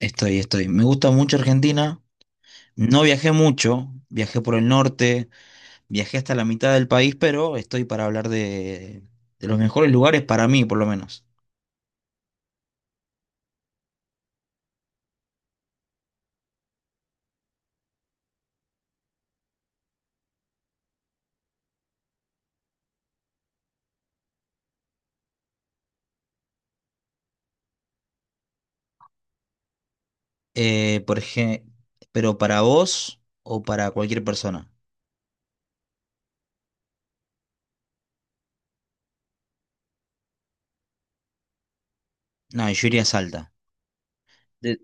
Estoy. Me gusta mucho Argentina. No viajé mucho, viajé por el norte, viajé hasta la mitad del país, pero estoy para hablar de los mejores lugares para mí, por lo menos. Por ejemplo, pero para vos o para cualquier persona. No, yo iría a Salta. De-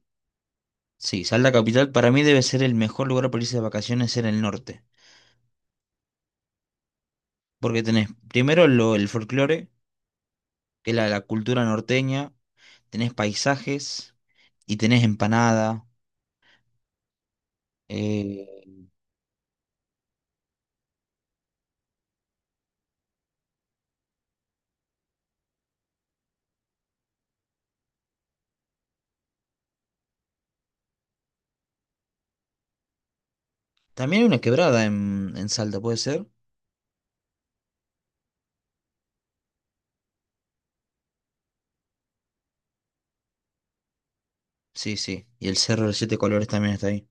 sí, Salta Capital para mí debe ser el mejor lugar para irse de vacaciones en el norte. Porque tenés primero el folclore, que es la cultura norteña, tenés paisajes y tenés empanada. eh, También hay una quebrada en Salta, ¿puede ser? Sí, sí. Y el Cerro de los Siete Colores también está ahí.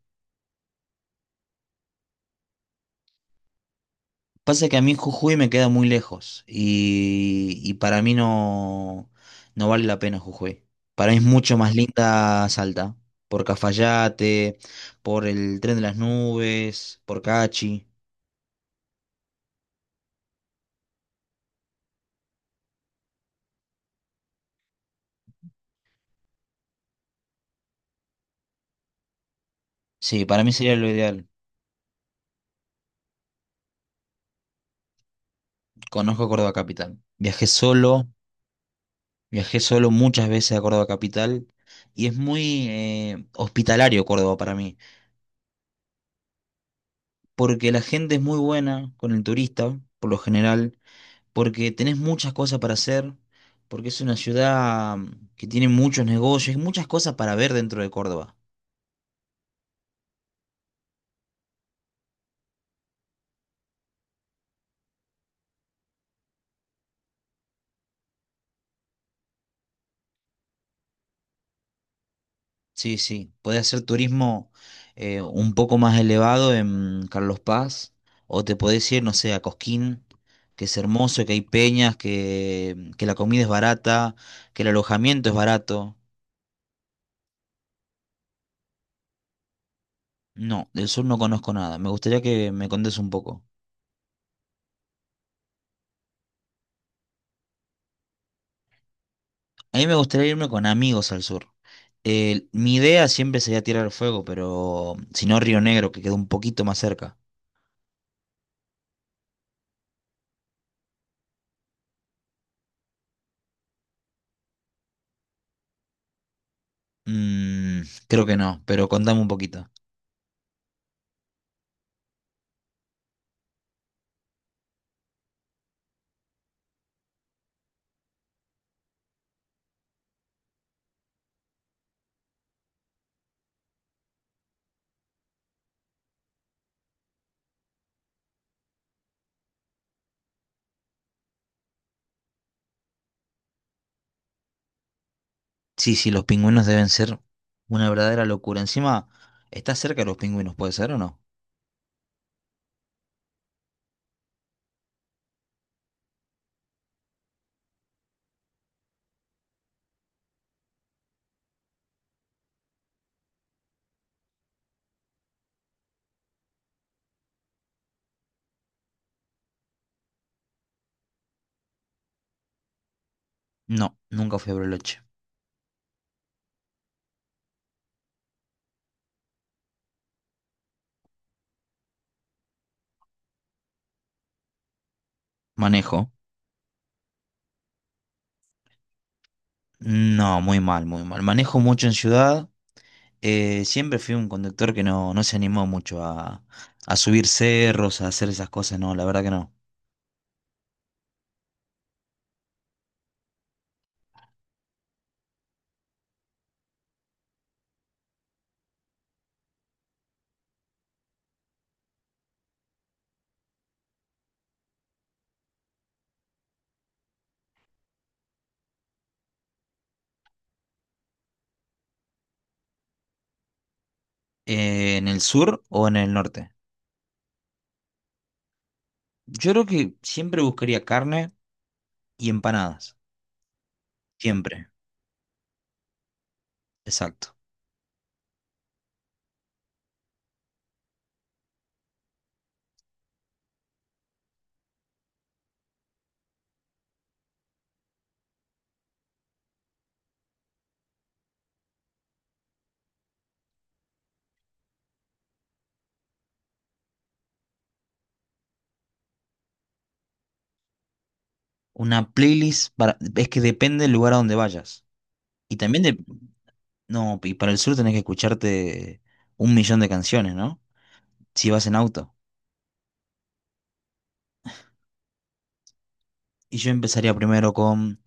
Pasa que a mí Jujuy me queda muy lejos y para mí no vale la pena Jujuy. Para mí es mucho más linda Salta, por Cafayate, por el Tren de las Nubes, por Cachi. Sí, para mí sería lo ideal. Conozco Córdoba Capital. Viajé solo muchas veces a Córdoba Capital y es muy hospitalario Córdoba para mí. Porque la gente es muy buena con el turista, por lo general, porque tenés muchas cosas para hacer, porque es una ciudad que tiene muchos negocios y muchas cosas para ver dentro de Córdoba. Sí, sí, podés hacer turismo un poco más elevado en Carlos Paz, o te podés ir, no sé, a Cosquín, que es hermoso, que hay peñas, que la comida es barata, que el alojamiento es barato. No, del sur no conozco nada. Me gustaría que me contes un poco. A mí me gustaría irme con amigos al sur. Mi idea siempre sería tirar el fuego, pero si no Río Negro, que queda un poquito más cerca. Mm, creo que no, pero contame un poquito. Sí, sí, los pingüinos deben ser una verdadera locura. Encima, ¿estás cerca de los pingüinos, puede ser o no? No, nunca fui a Bariloche. ¿Manejo? No, muy mal, muy mal. Manejo mucho en ciudad. Siempre fui un conductor que no se animó mucho a subir cerros, a hacer esas cosas, no, la verdad que no. ¿En el sur o en el norte? Yo creo que siempre buscaría carne y empanadas. Siempre. Exacto. Una playlist para... Es que depende del lugar a donde vayas. Y también de... No, y para el sur tenés que escucharte un millón de canciones, ¿no? Si vas en auto. Y yo empezaría primero con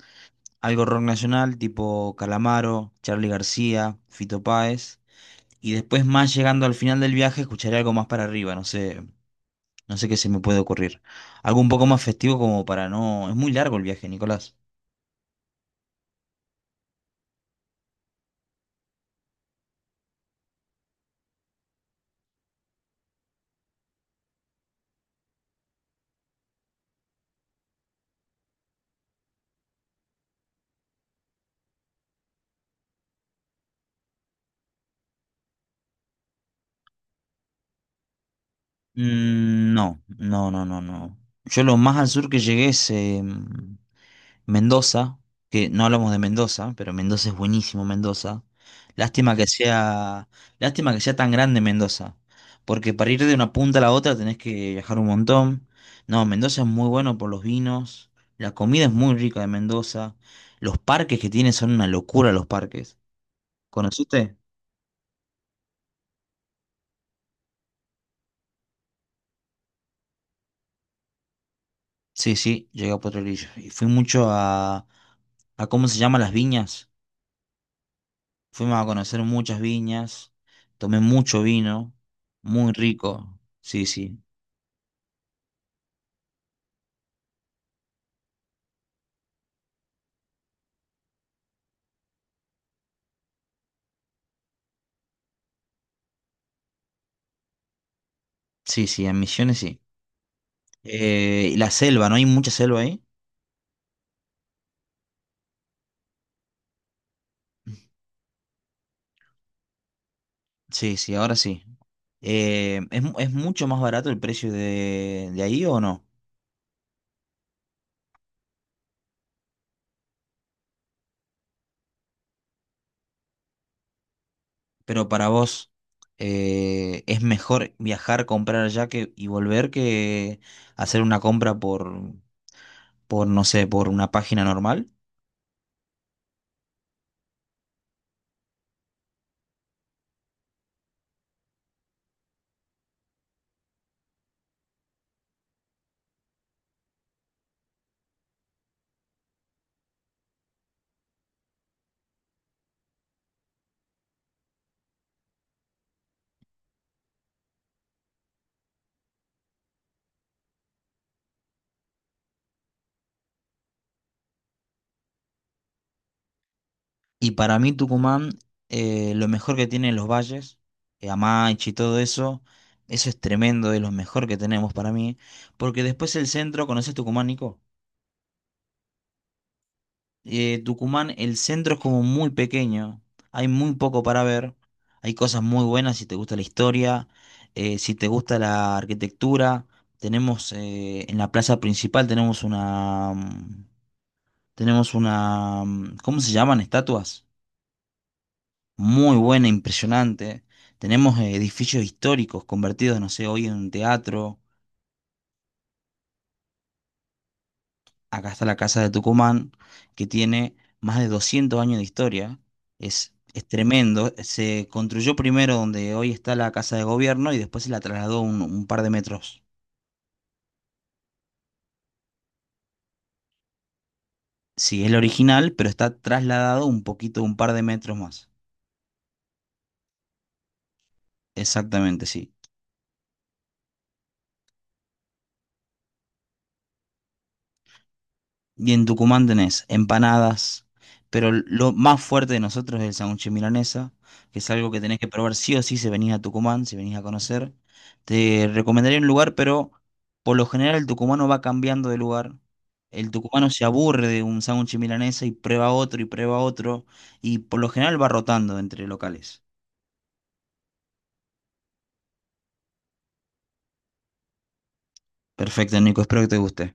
algo rock nacional, tipo Calamaro, Charly García, Fito Páez. Y después más llegando al final del viaje, escucharé algo más para arriba, no sé, no sé qué se me puede ocurrir. Algo un poco más festivo como para no... Es muy largo el viaje, Nicolás. No, no, no, no, no. Yo lo más al sur que llegué es Mendoza, que no hablamos de Mendoza, pero Mendoza es buenísimo, Mendoza. Lástima que sea, lástima que sea tan grande Mendoza, porque para ir de una punta a la otra tenés que viajar un montón. No, Mendoza es muy bueno por los vinos, la comida es muy rica de Mendoza, los parques que tiene son una locura los parques. ¿Conociste? Sí, sí, llegué a Potrerillos y fui mucho a ¿cómo se llama? Las viñas. Fuimos a conocer muchas viñas. Tomé mucho vino. Muy rico. Sí, sí. Sí, sí, en Misiones sí. Y la selva, ¿no? Hay mucha selva ahí. Sí, sí, ahora sí. ¿ Es mucho más barato el precio de ahí o no? Pero para vos, ¿es mejor viajar, comprar allá que, y volver que hacer una compra por, no sé, por una página normal? Y para mí Tucumán, lo mejor que tiene los valles, Amaiche y todo eso, eso es tremendo, es lo mejor que tenemos para mí. Porque después el centro, ¿conoces Tucumán, Nico? Tucumán, el centro es como muy pequeño, hay muy poco para ver, hay cosas muy buenas si te gusta la historia, si te gusta la arquitectura. Tenemos en la plaza principal tenemos una ¿cómo se llaman? Estatuas muy buena, impresionante. Tenemos edificios históricos convertidos, no sé, hoy en un teatro. Acá está la Casa de Tucumán, que tiene más de 200 años de historia. Es tremendo. Se construyó primero donde hoy está la Casa de Gobierno y después se la trasladó un par de metros. Sí, es el original, pero está trasladado un poquito, un par de metros más. Exactamente, sí. Y en Tucumán tenés empanadas, pero lo más fuerte de nosotros es el sándwich de milanesa, que es algo que tenés que probar sí o sí si venís a Tucumán, si venís a conocer. Te recomendaría un lugar, pero por lo general el tucumano va cambiando de lugar. El tucumano se aburre de un sándwich de milanesa y prueba otro y prueba otro, y por lo general va rotando entre locales. Perfecto, Nico, espero que te guste.